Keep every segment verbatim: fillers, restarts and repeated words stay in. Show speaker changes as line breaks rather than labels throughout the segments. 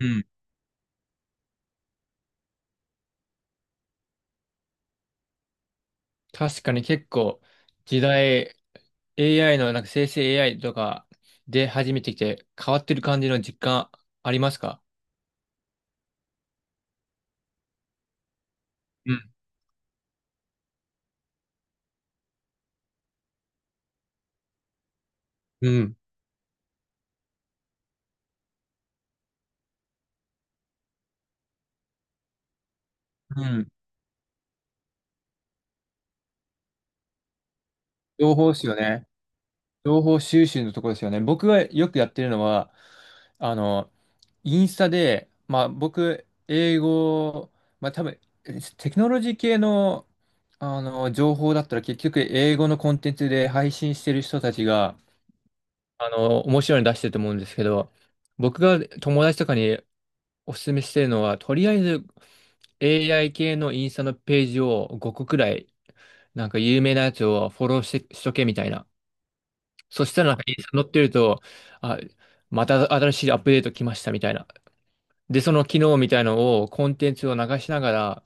うん。確かに結構時代、 エーアイ のなんか生成 エーアイ とかで始めてきて変わってる感じの実感ありますか？うん。うん。うん。情報ですよね。情報収集のところですよね。僕がよくやってるのは、あの、インスタで、まあ僕、英語、まあ多分、テクノロジー系の、あの情報だったら結局英語のコンテンツで配信してる人たちが、あの、面白いの出してると思うんですけど、僕が友達とかにお勧めしてるのは、とりあえず エーアイ 系のインスタのページをごこくらい、なんか有名なやつをフォローして、しとけみたいな。そしたらなんかインスタ載ってると、あ、また新しいアップデート来ましたみたいな。で、その機能みたいのを、コンテンツを流しながら、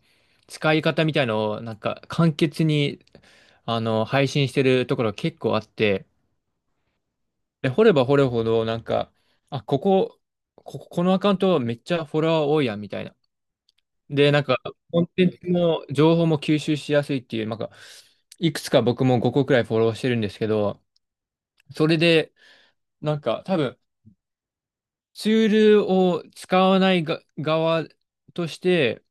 使い方みたいのを、なんか簡潔に、あの、配信してるところ結構あって、で、掘れば掘るほど、なんか、あ、ここ、ここ、このアカウントめっちゃフォロワー多いやん、みたいな。で、なんか、コンテンツも、情報も吸収しやすいっていう、なんか、いくつか僕もごこくらいフォローしてるんですけど、それで、なんか、多分、ツールを使わないが側として、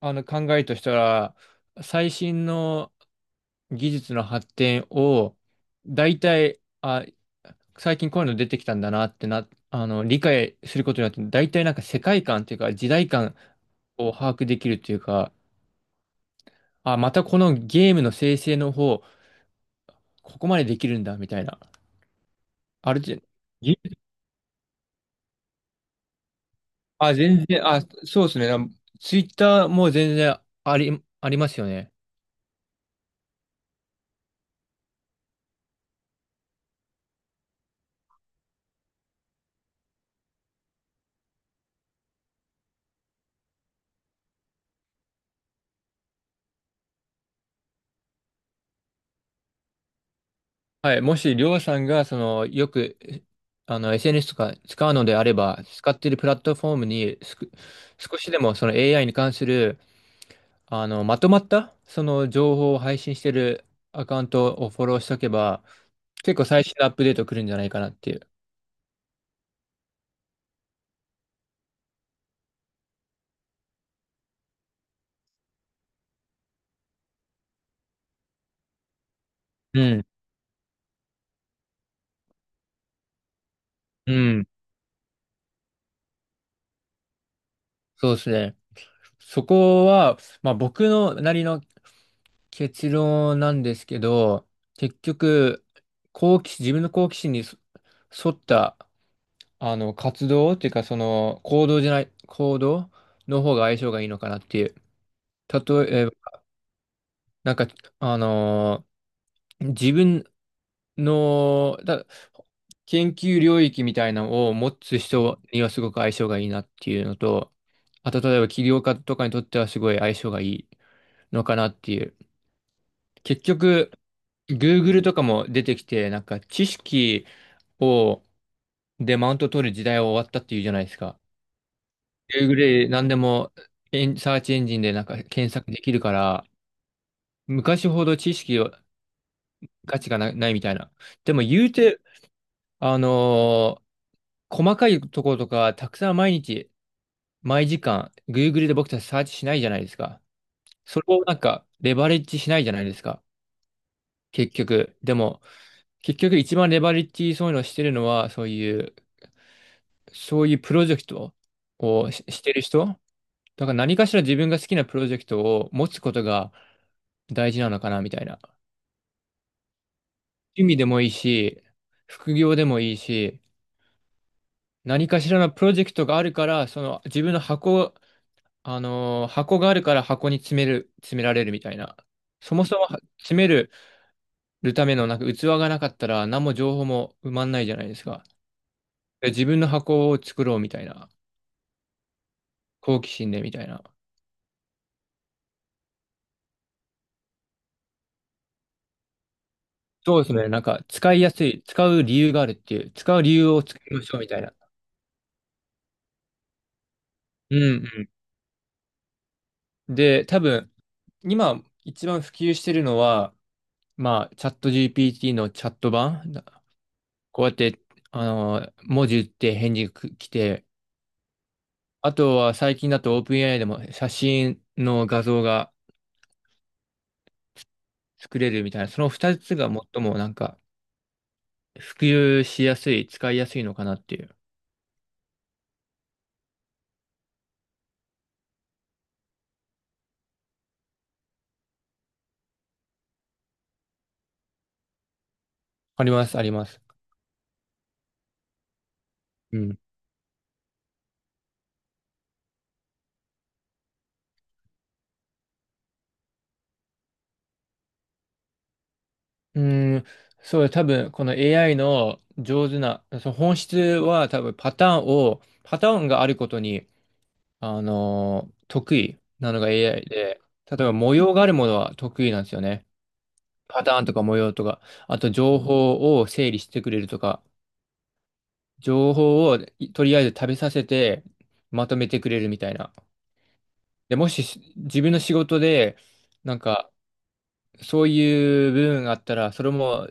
あの、考えとしたら、最新の、技術の発展を、大体、あ、最近こういうの出てきたんだなってな、あの、理解することによって、大体なんか世界観というか、時代感を把握できるというか、あ、またこのゲームの生成の方、ここまでできるんだ、みたいな。あるじ、ぎあ、全然、あ、そうですね。ツイッターも全然あり、ありますよね。はい、もし、りょうさんが、その、よく、えあの、エスエヌエス とか使うのであれば、使っているプラットフォームにすく、少しでも、その エーアイ に関する、あの、まとまった、その、情報を配信しているアカウントをフォローしておけば、結構最新のアップデート来るんじゃないかなっていう。うん。うん。そうですね。そこは、まあ、僕のなりの結論なんですけど、結局、好奇心、自分の好奇心にそ沿った、あの、活動っていうか、その、行動じゃない、行動の方が相性がいいのかなっていう。例えば、なんか、あのー自分の、だ、研究領域みたいなのを持つ人にはすごく相性がいいなっていうのと、あと、例えば起業家とかにとってはすごい相性がいいのかなっていう。結局、Google とかも出てきて、なんか知識を、でマウント取る時代は終わったっていうじゃないですか。Google で何でもエン、サーチエンジンでなんか検索できるから、昔ほど知識を、価値がな、ないみたいな。でも言うて、あのー細かいところとか、たくさん毎日、毎時間、Google で僕たちサーチしないじゃないですか。それをなんか、レバレッジしないじゃないですか。結局。でも、結局一番レバレッジそういうのをしてるのは、そういう、そういうプロジェクトをし、してる人だから、何かしら自分が好きなプロジェクトを持つことが大事なのかな、みたいな。趣味でもいいし、副業でもいいし、何かしらのプロジェクトがあるから、その自分の箱、あのー箱があるから箱に詰める、詰められるみたいな。そもそもは詰めるためのなんか器がなかったら何も情報も埋まんないじゃないですか。で自分の箱を作ろうみたいな。好奇心でみたいな。そうですね。なんか使いやすい、使う理由があるっていう、使う理由を作りましょうみたいな。うんうん。で、多分、今一番普及してるのは、まあ、チャット ジーピーティー のチャット版、なこうやって、あの、文字打って返事く来て、あとは最近だと オープンエーアイ でも写真の画像が作れるみたいな、その二つが最もなんか普及しやすい、使いやすいのかなっていう。あります、あります。うん。うーん、そう、多分この エーアイ の上手な、その本質は多分パターンを、パターンがあることにあの得意なのが エーアイ で、例えば模様があるものは得意なんですよね。パターンとか模様とか、あと情報を整理してくれるとか、情報をとりあえず食べさせてまとめてくれるみたいな。で、もしし自分の仕事で、なんかそういう部分があったら、それも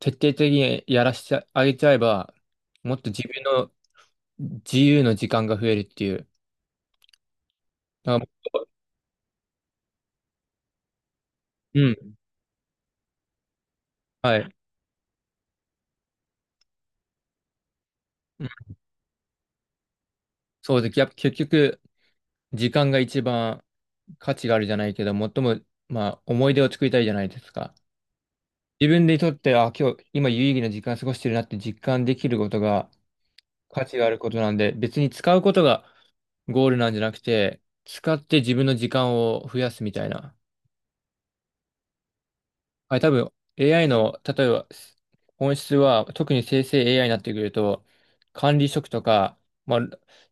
徹底的にやらせてあげちゃえば、もっと自分の自由の時間が増えるっていう。だから、うん。はい。うんそうです。やっぱ結局、時間が一番価値があるじゃないけど、最も、まあ、思い出を作りたいじゃないですか。自分でとって、あ、今日、今有意義な時間過ごしてるなって実感できることが価値があることなんで、別に使うことがゴールなんじゃなくて、使って自分の時間を増やすみたいな。はい、多分 エーアイ の、例えば本質は、特に生成 エーアイ になってくると、管理職とか、まあ、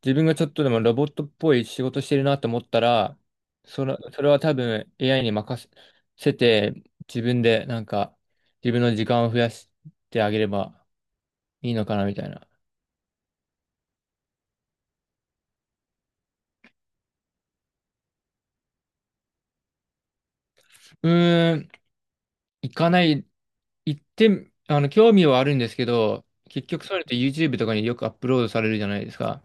自分がちょっとでもロボットっぽい仕事してるなと思ったら、それ、それは多分 エーアイ に任せて、自分でなんか、自分の時間を増やしてあげればいいのかなみたいな。うーん、行かない、行って、あの、興味はあるんですけど、結局それって YouTube とかによくアップロードされるじゃないですか。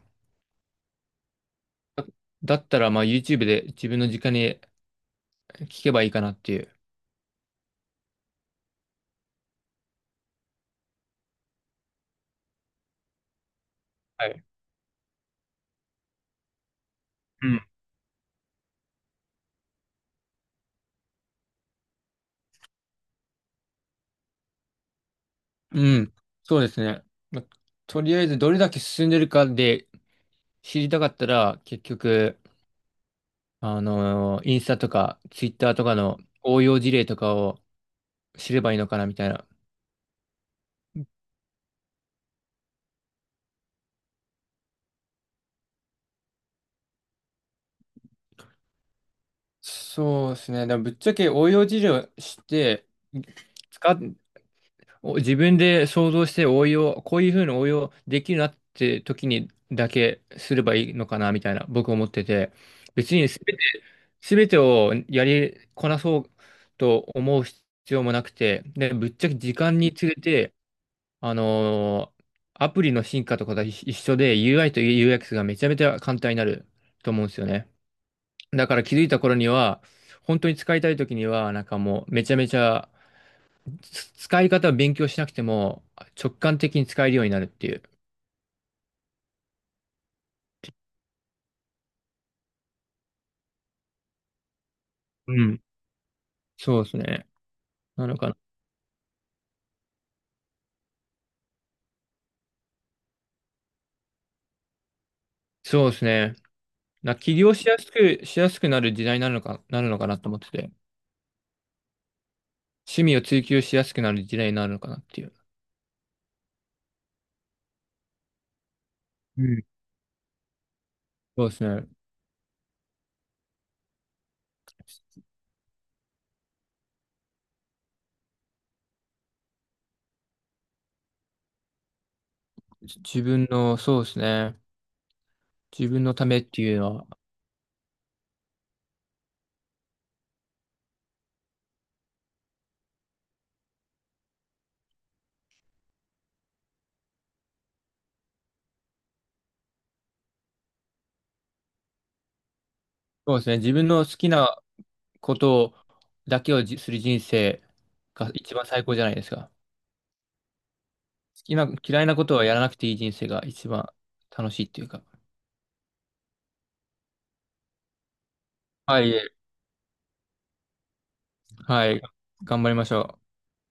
だったら、まあ YouTube で自分の時間に聞けばいいかなっていう。はい。うん。うん。そうですね。まあとりあえずどれだけ進んでるかで知りたかったら、結局、あのーインスタとかツイッターとかの応用事例とかを知ればいいのかなみたいな。そうですね。でもぶっちゃけ応用事例をして、使っお自分で想像して応用、こういうふうに応用できるなって時にだけすればいいのかなみたいな僕思ってて、別にすべて、全てをやりこなそうと思う必要もなくて、で、ぶっちゃけ時間につれて、あのーアプリの進化とかと一一緒で ユーアイ と ユーエックス がめちゃめちゃ簡単になると思うんですよね。だから気づいた頃には、本当に使いたい時には、なんかもうめちゃめちゃつ使い方を勉強しなくても直感的に使えるようになるっていう。うん。そうですね。なのかな。そうですね。な、起業しやすく、しやすくなる時代になるのか、なるのかなと思ってて、趣味を追求しやすくなる時代になるのかなっていう。うん。そうですね。じ自分の、そうですね。自分のためっていうのは、そうですね。自分の好きなことだけをじする人生が一番最高じゃないですか。好きな、嫌いなことはやらなくていい人生が一番楽しいっていうか。はい、はい。頑張りましょう。